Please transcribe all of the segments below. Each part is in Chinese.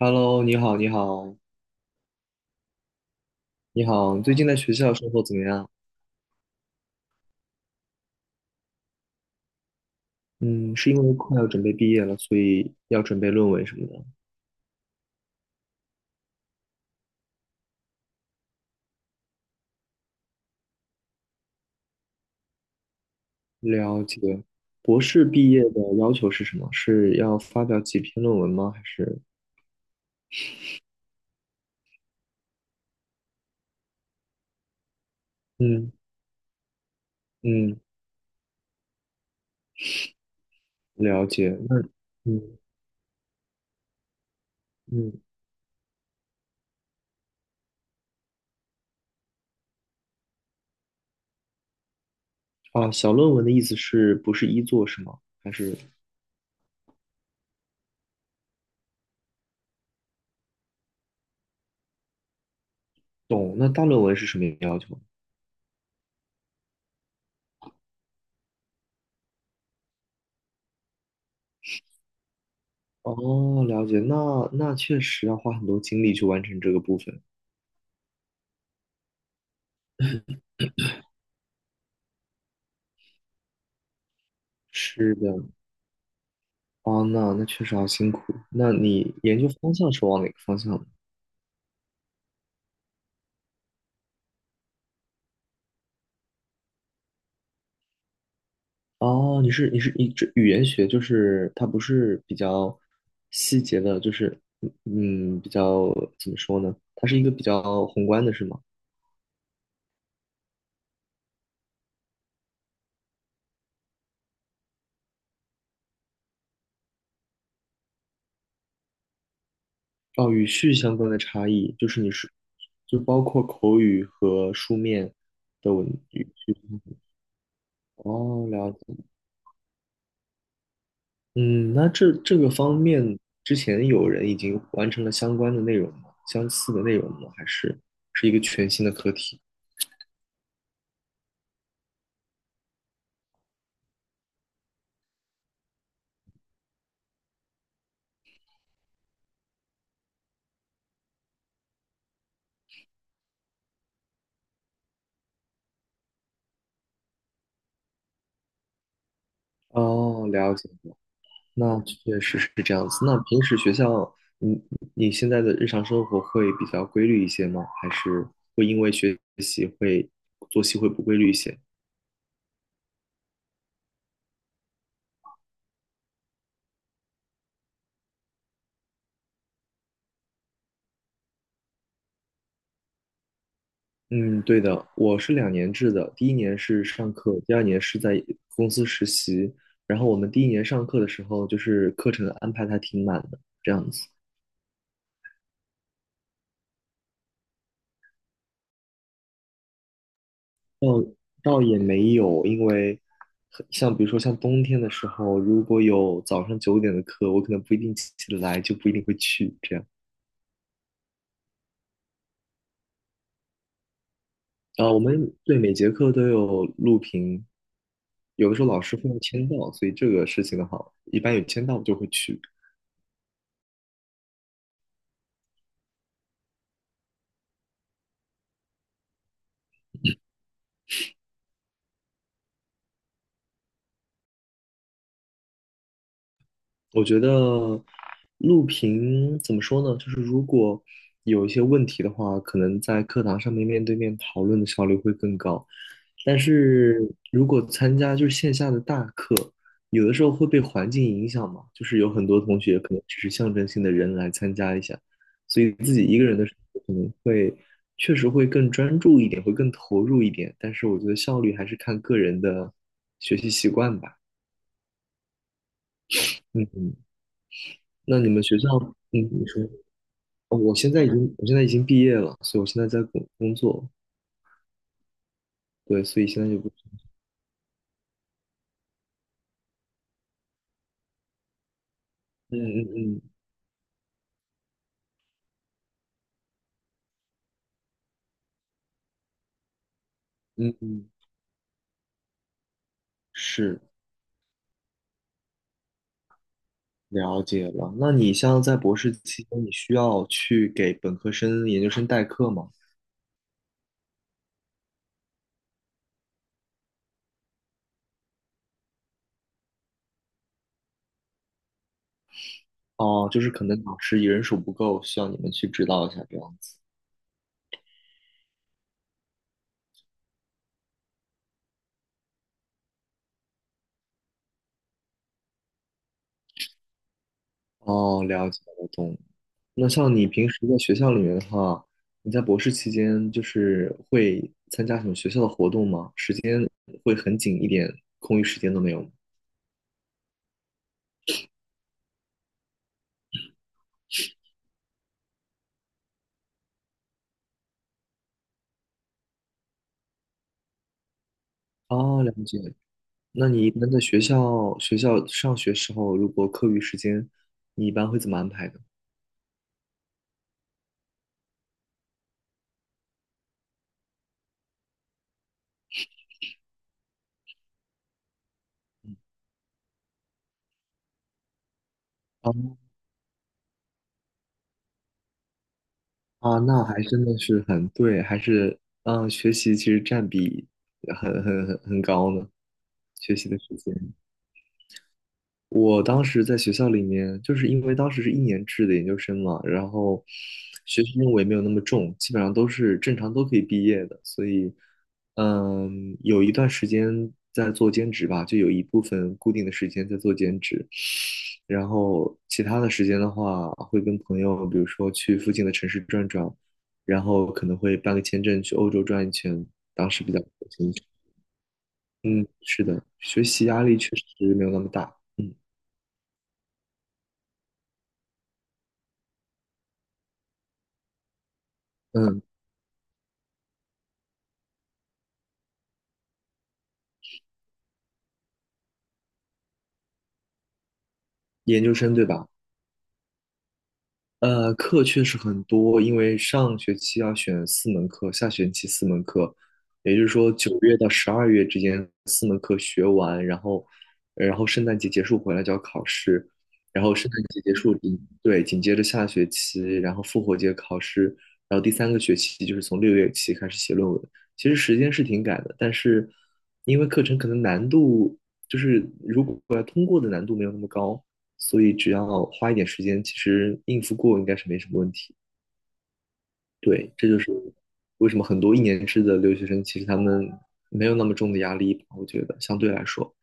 Hello，你好，你好，你好，最近在学校生活怎么样？嗯，是因为快要准备毕业了，所以要准备论文什么的。了解。博士毕业的要求是什么？是要发表几篇论文吗？还是？嗯嗯，了解。那嗯嗯小论文的意思是不是一作是吗？还是懂？那大论文是什么要求？哦，了解。那确实要花很多精力去完成这个部分。是的，哦，那确实好辛苦。那你研究方向是往哪个方向呢？哦，你这语言学就是它不是比较细节的，就是比较怎么说呢？它是一个比较宏观的，是吗？哦，语序相关的差异，就是就包括口语和书面的文语序。哦，了解。嗯，那这个方面之前有人已经完成了相关的内容吗？相似的内容吗？还是是一个全新的课题？哦，了解了，那确实是这样子。那平时学校，你你现在的日常生活会比较规律一些吗？还是会因为学习会作息会不规律一些？嗯，对的，我是2年制的，第一年是上课，第2年是在公司实习。然后我们第一年上课的时候，就是课程安排的还挺满的，这样子倒也没有，因为像比如说像冬天的时候，如果有早上9点的课，我可能不一定起得来，就不一定会去这样。啊、我们对每节课都有录屏，有的时候老师会要签到，所以这个事情的话，一般有签到我就会去。我觉得录屏怎么说呢？就是如果有一些问题的话，可能在课堂上面面对面讨论的效率会更高。但是如果参加就是线下的大课，有的时候会被环境影响嘛，就是有很多同学可能只是象征性的人来参加一下，所以自己一个人的时候可能会确实会更专注一点，会更投入一点。但是我觉得效率还是看个人的学习习惯吧。嗯，那你们学校，嗯，你说。哦，我现在已经毕业了，所以我现在在工作，对，所以现在就不，嗯嗯嗯嗯嗯，是了解了。那你像在博士期间，你需要去给本科生、研究生代课吗？哦，就是可能老师人手不够，需要你们去指导一下这样子。哦，了解了，懂了。那像你平时在学校里面的话，你在博士期间就是会参加什么学校的活动吗？时间会很紧一点，空余时间都没有吗？哦，了解。那你一般在学校上学时候，如果课余时间，你一般会怎么安排的？哦啊，那还真的是很对，还是学习其实占比很高呢，学习的时间。我当时在学校里面，就是因为当时是一年制的研究生嘛，然后学习任务也没有那么重，基本上都是正常都可以毕业的，所以，有一段时间在做兼职吧，就有一部分固定的时间在做兼职，然后其他的时间的话，会跟朋友，比如说去附近的城市转转，然后可能会办个签证去欧洲转一圈，当时比较流行。嗯，是的，学习压力确实没有那么大，嗯。嗯研究生对吧？课确实很多，因为上学期要选四门课，下学期四门课，也就是说9月到12月之间四门课学完，然后，然后圣诞节结束回来就要考试，然后圣诞节结束紧，对，紧接着下学期，然后复活节考试，然后第3个学期就是从6月起开始写论文。其实时间是挺赶的，但是因为课程可能难度就是如果要通过的难度没有那么高。所以只要花一点时间，其实应付过应该是没什么问题。对，这就是为什么很多一年制的留学生，其实他们没有那么重的压力吧，我觉得相对来说，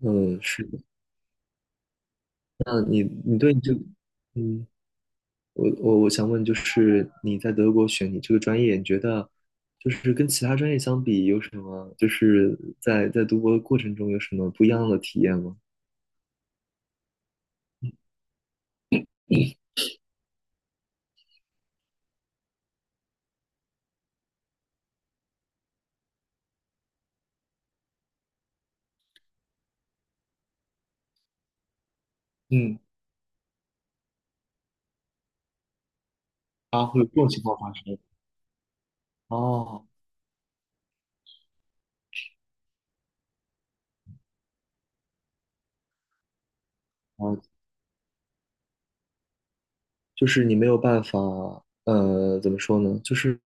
嗯，是的。那你对你这个，嗯，我想问，就是你在德国选你这个专业，你觉得就是跟其他专业相比，有什么就是在读博的过程中有什么不一样的体验吗？嗯，啊，会有这种情况发生。哦，哦，就是你没有办法，怎么说呢？就是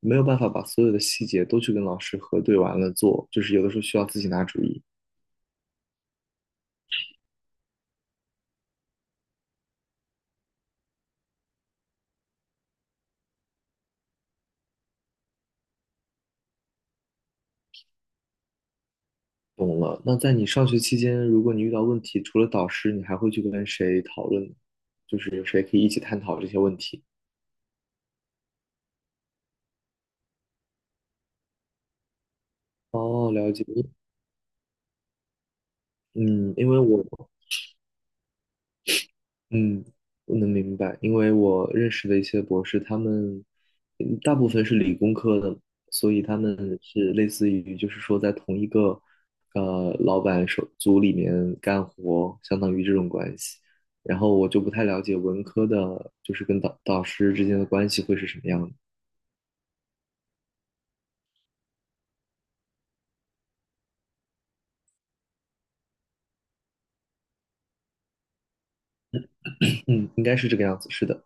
没有办法把所有的细节都去跟老师核对完了做，就是有的时候需要自己拿主意。懂了。那在你上学期间，如果你遇到问题，除了导师，你还会去跟谁讨论呢？就是谁可以一起探讨这些问题？哦，了解。嗯，因为我嗯，我能明白，因为我认识的一些博士，他们大部分是理工科的，所以他们是类似于就是说在同一个老板手组里面干活，相当于这种关系。然后我就不太了解文科的，就是跟导师之间的关系会是什么样的。嗯，应该是这个样子，是的。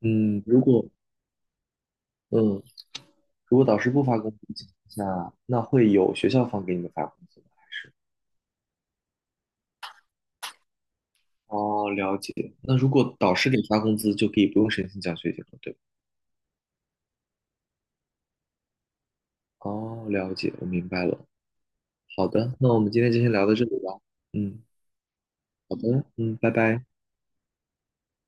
嗯，嗯如果导师不发工资的情况下，那会有学校方给你们发工资吗？还是？哦，了解。那如果导师给发工资，就可以不用申请奖学金了，对吧？哦，了解，我明白了。好的，那我们今天就先聊到这里吧。嗯，好的，嗯，拜拜。